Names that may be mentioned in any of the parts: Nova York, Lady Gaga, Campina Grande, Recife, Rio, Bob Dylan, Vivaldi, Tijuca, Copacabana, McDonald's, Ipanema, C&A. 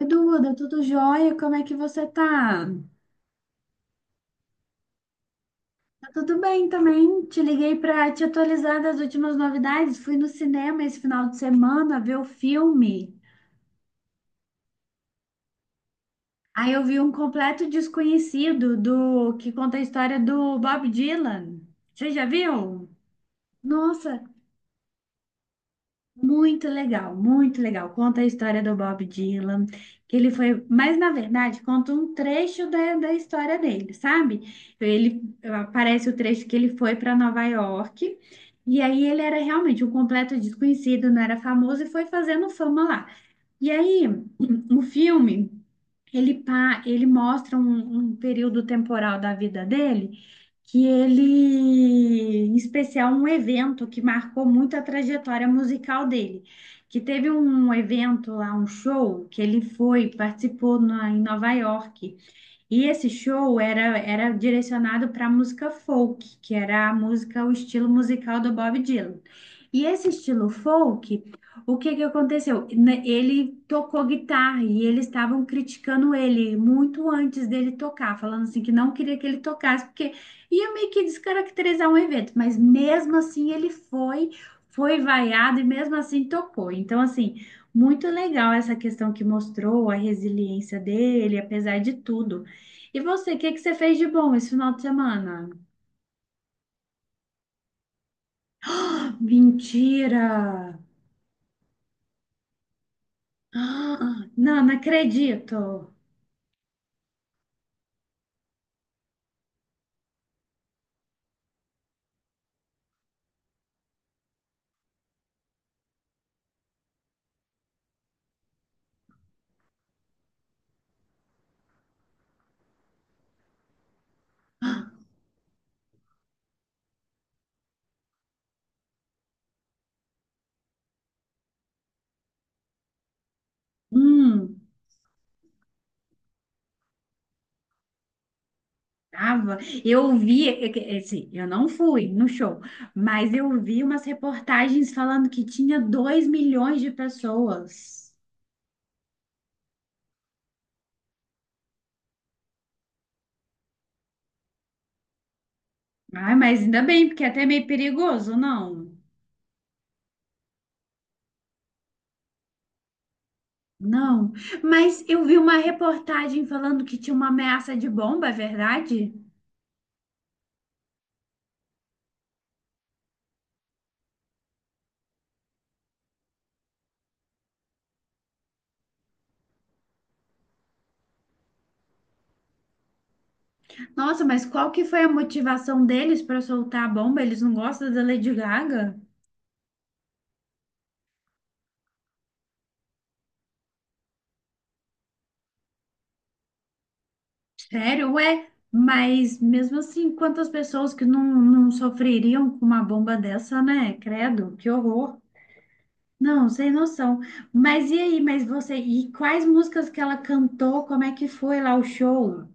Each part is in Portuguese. Duda, tudo jóia? Como é que você tá? Tá tudo bem também. Te liguei para te atualizar das últimas novidades. Fui no cinema esse final de semana ver o filme. Aí eu vi um completo desconhecido do que conta a história do Bob Dylan. Você já viu? Nossa, muito legal, muito legal. Conta a história do Bob Dylan, que ele foi, mas na verdade conta um trecho da história dele, sabe? Ele aparece o trecho que ele foi para Nova York, e aí ele era realmente um completo desconhecido, não era famoso e foi fazendo fama lá. E aí, o filme ele, ele mostra um período temporal da vida dele, que ele, em especial, um evento que marcou muito a trajetória musical dele. Que teve um evento lá, um show, que ele foi, participou em Nova York. E esse show era direcionado para música folk, que era a música, o estilo musical do Bob Dylan. E esse estilo folk, o que que aconteceu? Ele tocou guitarra e eles estavam criticando ele muito antes dele tocar, falando assim que não queria que ele tocasse, porque ia meio que descaracterizar um evento, mas mesmo assim ele foi, foi vaiado e mesmo assim tocou. Então, assim, muito legal essa questão que mostrou a resiliência dele, apesar de tudo. E você, o que que você fez de bom esse final de semana? Ah, mentira! Ah, não, não acredito. Ah, hum, tava. Eu vi, é, assim, eu não fui no show, mas eu vi umas reportagens falando que tinha 2 milhões de pessoas. Ai, mas ainda bem, porque é até meio perigoso, não? Não, mas eu vi uma reportagem falando que tinha uma ameaça de bomba, é verdade? Nossa, mas qual que foi a motivação deles para soltar a bomba? Eles não gostam da Lady Gaga? Sério? Ué, mas mesmo assim, quantas pessoas que não, não sofreriam com uma bomba dessa, né? Credo, que horror. Não, sem noção. Mas e aí, mas você, e quais músicas que ela cantou? Como é que foi lá o show?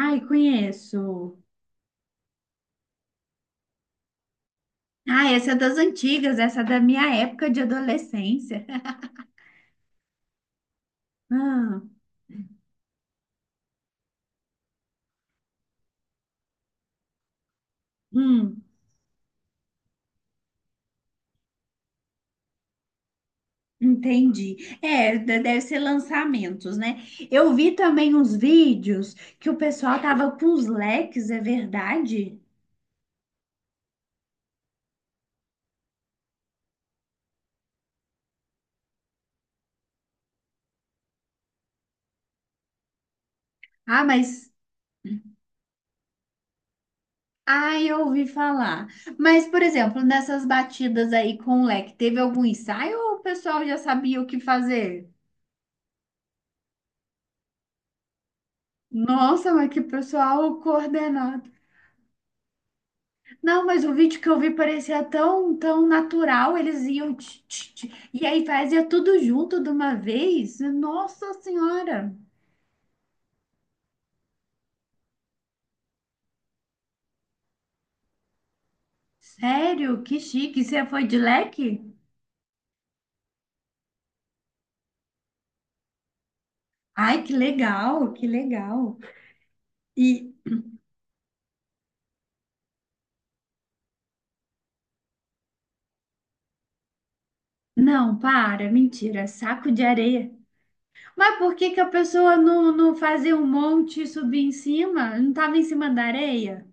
Ai, conheço. Ah, essa é das antigas, essa é da minha época de adolescência. Ah, hum. Entendi. É, deve ser lançamentos, né? Eu vi também uns vídeos que o pessoal tava com os leques, é verdade? Ah, mas. Ah, eu ouvi falar. Mas, por exemplo, nessas batidas aí com o leque, teve algum ensaio ou o pessoal já sabia o que fazer? Nossa, mas que pessoal coordenado. Não, mas o vídeo que eu vi parecia tão natural, eles iam tch, tch, tch, e aí fazia tudo junto de uma vez. Nossa Senhora! Sério? Que chique. Você foi de leque? Ai, que legal, que legal. E não, para, mentira, saco de areia. Mas por que que a pessoa não, não fazia um monte e subir em cima? Não estava em cima da areia?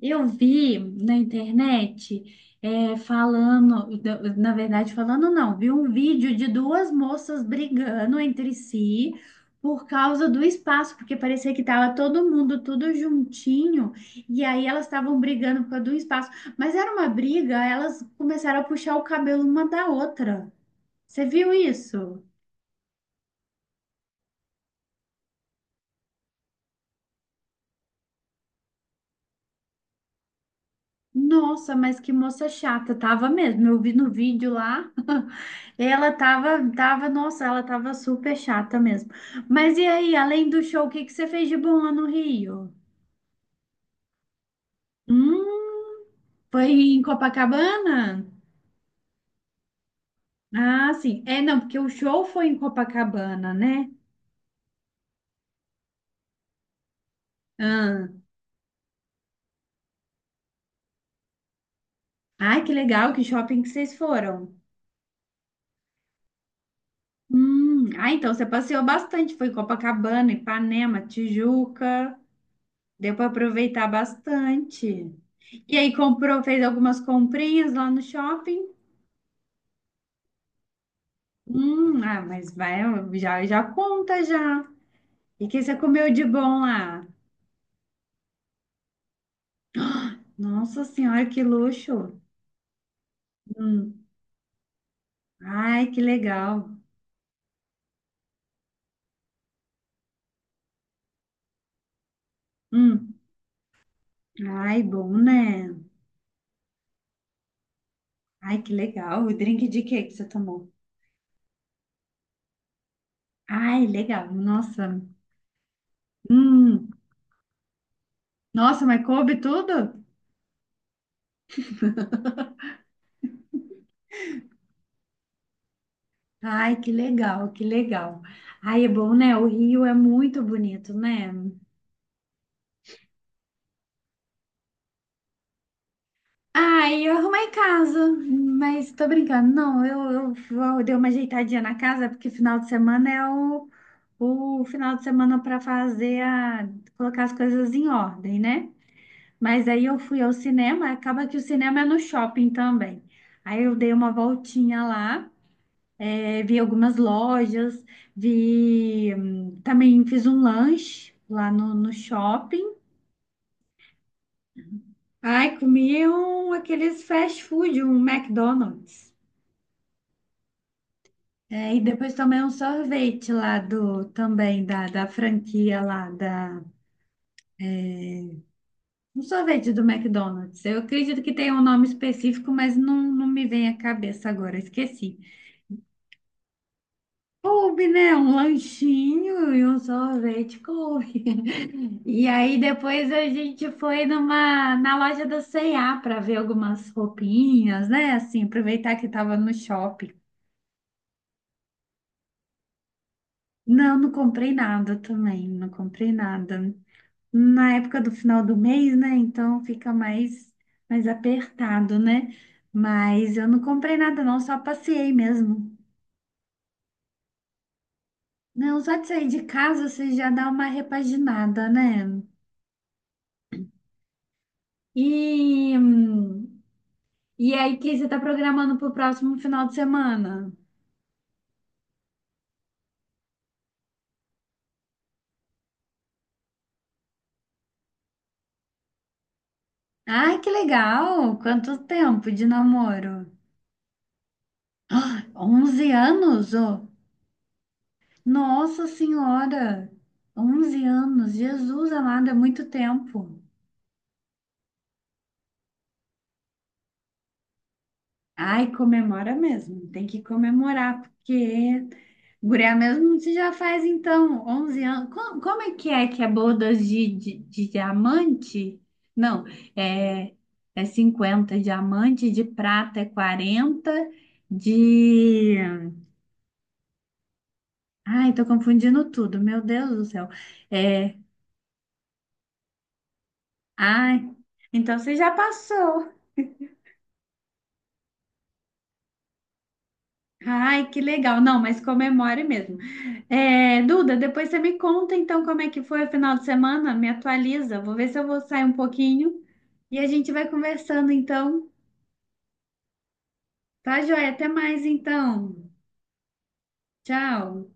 Eu vi na internet é, falando, na verdade, falando não, vi um vídeo de duas moças brigando entre si por causa do espaço, porque parecia que estava todo mundo tudo juntinho, e aí elas estavam brigando por causa do espaço. Mas era uma briga, elas começaram a puxar o cabelo uma da outra. Você viu isso? Nossa, mas que moça chata, tava mesmo. Eu vi no vídeo lá, ela tava, tava, nossa, ela tava super chata mesmo. Mas e aí, além do show, o que que você fez de bom lá no Rio? Hum, foi em Copacabana? Ah, sim. É, não, porque o show foi em Copacabana, né? Ah. Ai, que legal, que shopping que vocês foram. Ah, então você passeou bastante, foi em Copacabana, Ipanema, Tijuca. Deu para aproveitar bastante. E aí comprou, fez algumas comprinhas lá no shopping. Ah, mas vai, já, já conta já. E que você comeu de bom lá? Nossa senhora, que luxo. Hum, ai, que legal. Hum, ai, bom, né? Ai, que legal. O drink de quê que você tomou? Ai, legal. Nossa. Hum, nossa, mas coube tudo? Ai, que legal, que legal. Ai, é bom, né? O Rio é muito bonito, né? Ai, eu arrumei casa, mas tô brincando. Não, eu, dei uma ajeitadinha na casa, porque final de semana é o final de semana para fazer a, colocar as coisas em ordem, né? Mas aí eu fui ao cinema, acaba que o cinema é no shopping também. Aí eu dei uma voltinha lá, vi algumas lojas, vi, também fiz um lanche lá no, no shopping. Ai, comi um, aqueles fast food, um McDonald's. É, e depois tomei um sorvete também da franquia um sorvete do McDonald's. Eu acredito que tem um nome específico, mas não, não me vem à cabeça agora, esqueci. Coube, né? Um lanchinho e um sorvete, coube. E aí depois a gente foi na loja da C&A para ver algumas roupinhas, né? Assim, aproveitar que estava no shopping. Não, não comprei nada também, não comprei nada. Na época do final do mês, né? Então fica mais, mais apertado, né? Mas eu não comprei nada, não, só passeei mesmo. Não, só de sair de casa você já dá uma repaginada, né? E, hum, e aí, o que você está programando para o próximo final de semana? Ai, que legal! Quanto tempo de namoro? Ah, 11 anos? Ô! Nossa Senhora! 11 anos! Jesus amado, é muito tempo. Ai, comemora mesmo. Tem que comemorar, porque guria mesmo você já faz então 11 anos. Como, como é que é bodas de diamante? Não, é, é 50 diamante, de prata é 40 de... Ai, tô confundindo tudo, meu Deus do céu. É, ai, então você já passou. Ai, que legal. Não, mas comemore mesmo. É, Duda, depois você me conta então como é que foi o final de semana, me atualiza. Vou ver se eu vou sair um pouquinho e a gente vai conversando então. Tá, joia? Até mais então. Tchau.